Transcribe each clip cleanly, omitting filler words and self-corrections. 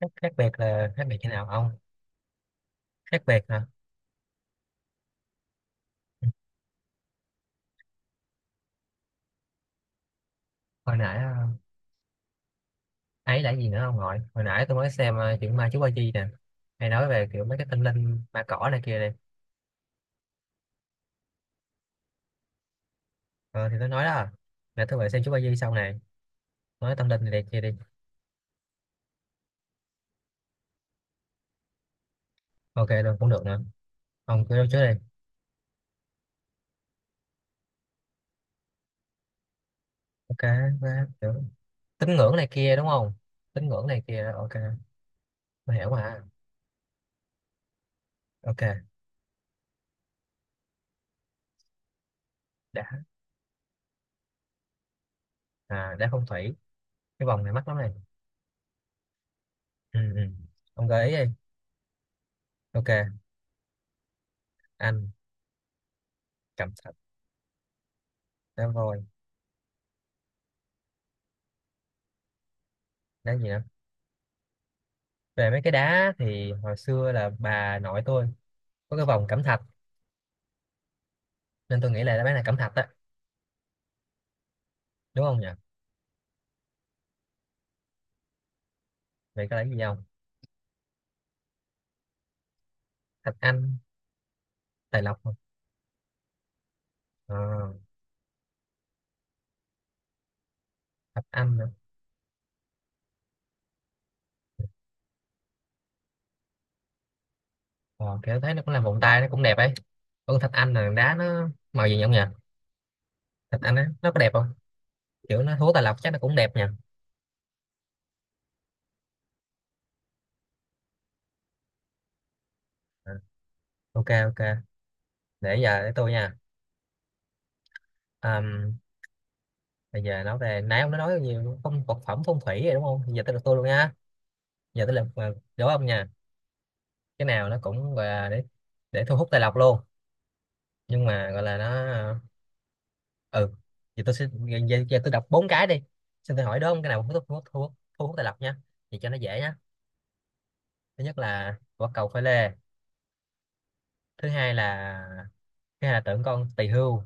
Khác biệt là khác biệt thế nào ông? Khác biệt hả? Hồi nãy ấy là gì nữa ông nội? Hồi nãy tôi mới xem chuyện ma chú ba chi nè, hay nói về kiểu mấy cái tâm linh ma cỏ này kia này. Ờ, thì tôi nói đó, là tôi về xem chú ba chi sau này, nói tâm linh này, này kia đi. Ok luôn cũng được nữa, ông cứ trước đi. Ok. Quá kiểu tín ngưỡng này kia đúng không. Tín ngưỡng này kia, ok, tôi hiểu mà. Ok. Đã. À, đã phong thủy. Cái vòng này mắc lắm này. Ừ, ừ. Ông gợi ý đi. Ok. Anh. Cẩm thạch. Đá voi. Đá gì đó, về mấy cái đá thì hồi xưa là bà nội tôi có cái vòng cẩm thạch, nên tôi nghĩ là đáp án là cẩm thạch á, đúng không nhỉ? Vậy có lấy gì không? Thạch anh. Tài lộc không? Ờ, thạch anh nữa. Ờ, kiểu thấy nó cũng làm vòng tay nó cũng đẹp ấy. Còn thạch anh là đá nó màu gì nhỉ ông nhỉ? Thạch anh á nó có đẹp không? Kiểu nó thua tài lộc chắc nó cũng đẹp nhỉ. Ờ, ok ok, để giờ để tôi nha. Ờm, Bây giờ nói về nãy ông đã nói nhiều phong vật phẩm phong thủy rồi đúng không, giờ tới lượt tôi luôn nha. Giờ tới lượt đố ông nha. Cái nào nó cũng gọi là để thu hút tài lộc luôn, nhưng mà gọi là nó ờ, ừ thì tôi sẽ, giờ tôi đọc bốn cái đi, xin tôi hỏi đúng không, cái nào cũng thu hút thu hút thu hút thu hút tài lộc nha, thì cho nó dễ nhá. Thứ nhất là quả cầu pha lê. thứ hai là Thứ hai là tượng con tỳ hưu.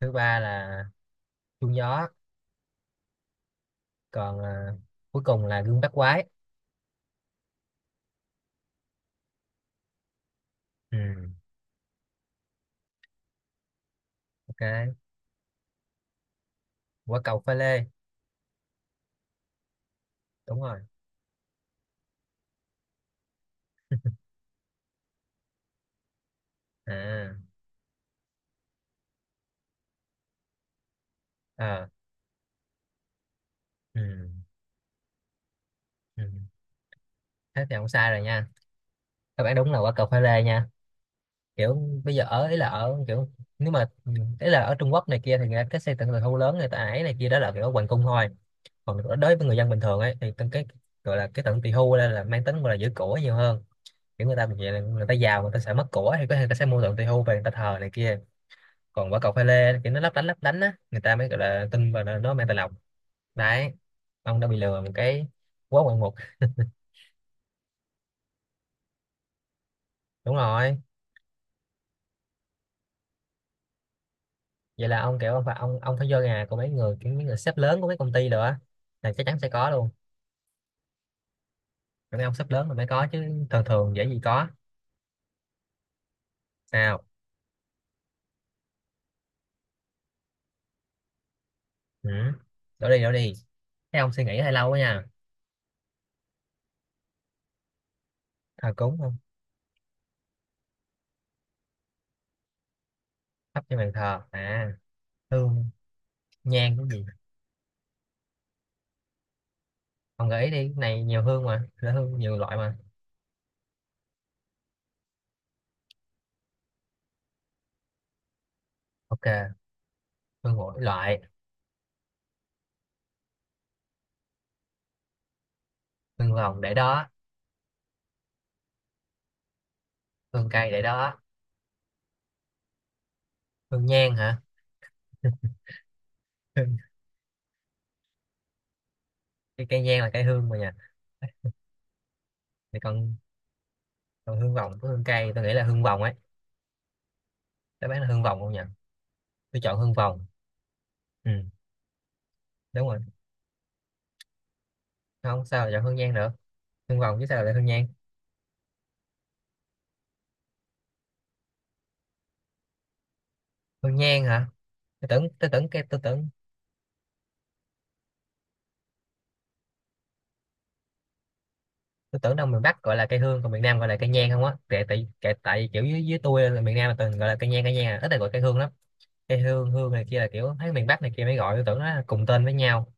Thứ ba là chuông gió. Còn à, cuối cùng là gương bát quái. Ừ. Ok. Quả cầu pha lê. Đúng rồi. À, ờ, ừ. Ừ. Thế thì không sai rồi nha các bạn, đúng là quả cầu pha lê nha. Kiểu bây giờ ở ý là ở kiểu, nếu mà ý là ở Trung Quốc này kia thì người ta cái xây tận tận thu lớn người ta ấy này kia, đó là kiểu ở hoàng cung thôi. Còn đối đối với người dân bình thường ấy thì tận cái gọi là cái tận tỳ hưu đây là mang tính gọi là giữ của nhiều hơn. Kiểu người ta vậy, là người ta giàu, người ta sợ mất của thì có thể người ta sẽ mua tận tỳ hưu về người ta thờ này kia. Còn quả cầu pha lê kiểu nó lấp lánh á, người ta mới gọi là tin vào nó mang tài lộc. Đấy, ông đã bị lừa một cái quá ngoạn mục. Đúng rồi. Vậy là ông kiểu ông phải ông phải vô nhà của mấy người, kiểu mấy người sếp lớn của mấy công ty rồi á, là chắc chắn sẽ có luôn. Mấy ông sắp lớn rồi mới có, chứ thường thường dễ gì có. Sao. Ừ. Đổ đi đổ đi, thấy ông suy nghĩ hơi lâu quá nha. Thờ cúng không? Thắp trên bàn thờ à? Hương. Nhang cái gì? Ông gợi ý đi, cái này nhiều hương mà, là hương nhiều loại mà. Ok. Hương mỗi loại. Hương vòng để đó. Hương cây để đó. Hương nhang hả? Hương- cái cây nhang là cây hương mà nha. Thì còn, còn hương vòng với hương cây, tôi nghĩ là hương vòng ấy. Đáp án là hương vòng không nhỉ? Tôi chọn hương vòng. Ừ, đúng rồi, không sao lại chọn hương nhang được, hương vòng chứ sao lại hương nhang. Hương nhang hả? Tôi tưởng cái tôi tưởng Tôi tưởng đâu miền Bắc gọi là cây hương còn miền Nam gọi là cây nhang không á, tại kiểu dưới dưới tôi là miền Nam là từng gọi là cây nhang à. Ít là gọi cây hương lắm. Cây hương hương này kia là kiểu thấy miền Bắc này kia mới gọi, tôi tưởng nó là cùng tên với nhau.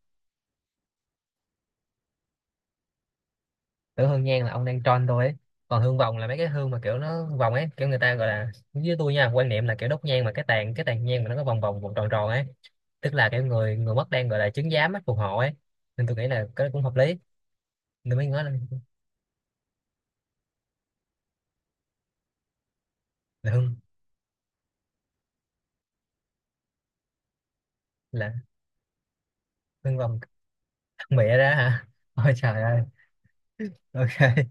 Tưởng hương nhang là ông đang tròn tôi ấy. Còn hương vòng là mấy cái hương mà kiểu nó vòng ấy, kiểu người ta gọi là dưới tôi nha, quan niệm là kiểu đốt nhang mà cái tàn nhang mà nó có vòng vòng vòng tròn tròn ấy, tức là cái người người mất đang gọi là chứng giám á, phù hộ ấy, nên tôi nghĩ là cái đó cũng hợp lý, nên mới nói là, là hương là hương vòng. Mẹ ra hả? Ôi trời ơi. Ok.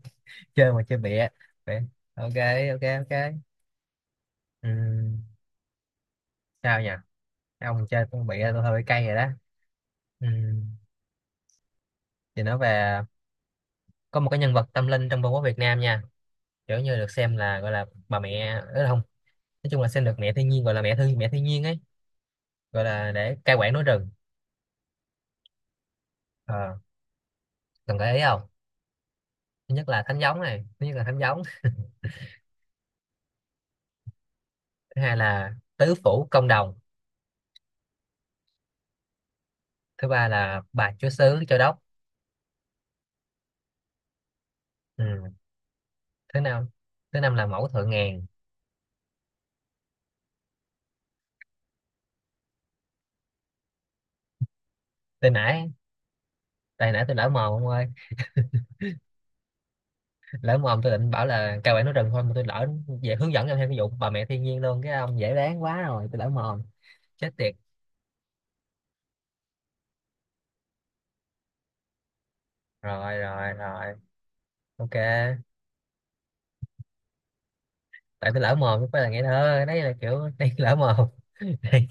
Chơi mà chơi bịa. Bịa. Ok ok ok. Ừm, Sao nhỉ? Cái ông chơi con bịa tôi hơi cay rồi đó. Ừm, thì nói về có một cái nhân vật tâm linh trong Vương quốc Việt Nam nha, kiểu như được xem là gọi là bà mẹ ấy không, nói chung là xem được mẹ thiên nhiên, gọi là mẹ thiên nhiên ấy, gọi là để cai quản núi rừng. Ờ, cần gợi ý không? Thứ nhất là thánh giống. Thứ hai là tứ phủ công đồng. Thứ ba là bà chúa xứ châu đốc. Ừm, thứ năm Thứ năm là mẫu thượng ngàn. Tên nãy, tại nãy tôi lỡ mồm ông ơi. Lỡ mồm tôi định bảo là cao bản nói rừng thôi mà tôi lỡ, về hướng dẫn em thêm cái vụ bà mẹ thiên nhiên luôn, cái ông dễ đoán quá rồi, tôi lỡ mồm. Chết tiệt. Rồi rồi rồi, ok. Tại tôi lỡ mồm chứ không phải là ngây thơ, đấy là kiểu đây lỡ mồm. Đây,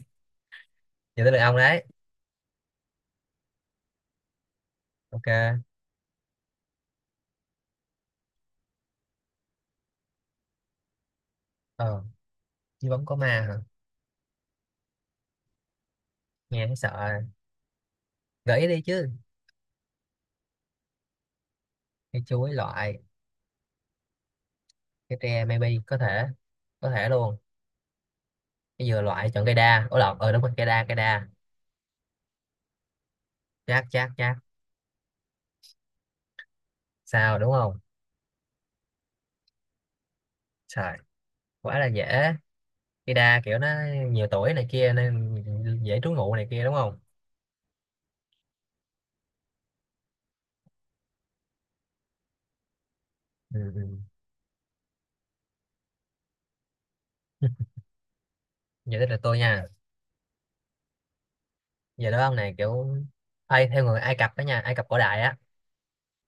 giờ tới lượt ông đấy. Ok. Ờ, chứ bóng có ma hả? Nghe thấy sợ rồi. Gợi ý đi chứ. Cây chuối loại. Cái tre maybe có thể. Có thể luôn. Cái dừa loại, chọn cây đa, ủa lộn, ờ đúng rồi, cây đa cây đa. Chát chát chát. Sao, đúng không? Trời, quá là dễ. Ida kiểu nó nhiều tuổi này kia nên dễ trú ngụ này kia đúng không. Ừ, ừ. Giờ tới lượt tôi nha. Giờ đó ông này kiểu, ai theo người Ai Cập đó nha, Ai Cập cổ đại á,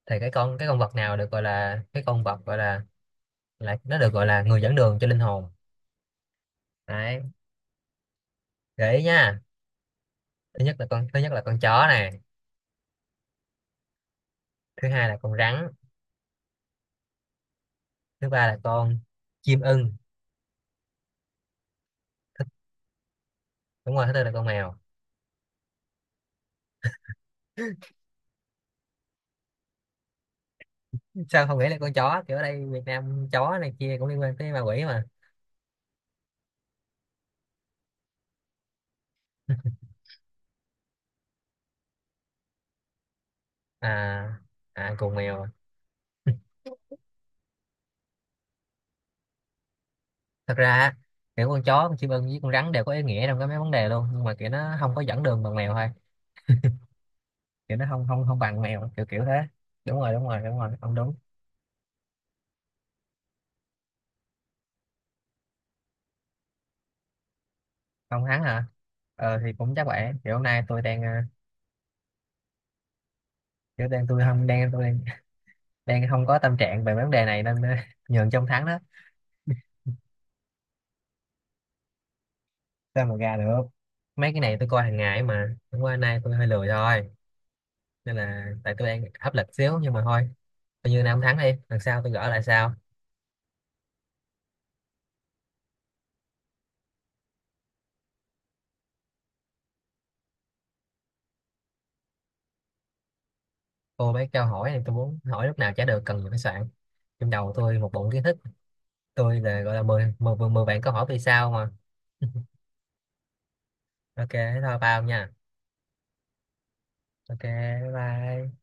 thì cái con vật nào được gọi là cái con vật gọi là nó được gọi là người dẫn đường cho linh hồn. Đấy, gợi ý nha. Thứ nhất là con chó này. Thứ hai là con rắn. Thứ ba là con chim ưng. Đúng rồi, thứ tư là con mèo. Sao không nghĩ là con chó, kiểu ở đây Việt Nam chó này kia cũng liên quan tới ma quỷ mà. À. À cùng mèo à. Thật ra á, kiểu con chó, con chim ưng với con rắn đều có ý nghĩa trong cái mấy vấn đề luôn, nhưng mà kiểu nó không có dẫn đường bằng mèo thôi, kiểu nó không không không bằng mèo, kiểu kiểu thế. Đúng rồi đúng rồi đúng rồi, ông đúng. Ông thắng hả? Ờ thì cũng chắc vậy, kiểu hôm nay tôi đang kiểu đang tôi không đang tôi đang, đang không có tâm trạng về vấn đề này nên nhường trong thắng đó. Sao mà gà được, mấy cái này tôi coi hàng ngày ấy mà, hôm qua nay tôi hơi lười thôi, nên là tại tôi đang áp lực xíu nhưng mà thôi, coi như nay ông thắng đi, lần sau tôi gỡ lại sau. Cô mấy câu hỏi này tôi muốn hỏi lúc nào chả được, cần phải soạn, trong đầu tôi một bụng kiến thức. Tôi là gọi là mười bạn câu hỏi vì sao mà ok thế thôi bao nha. Ok, bye bye.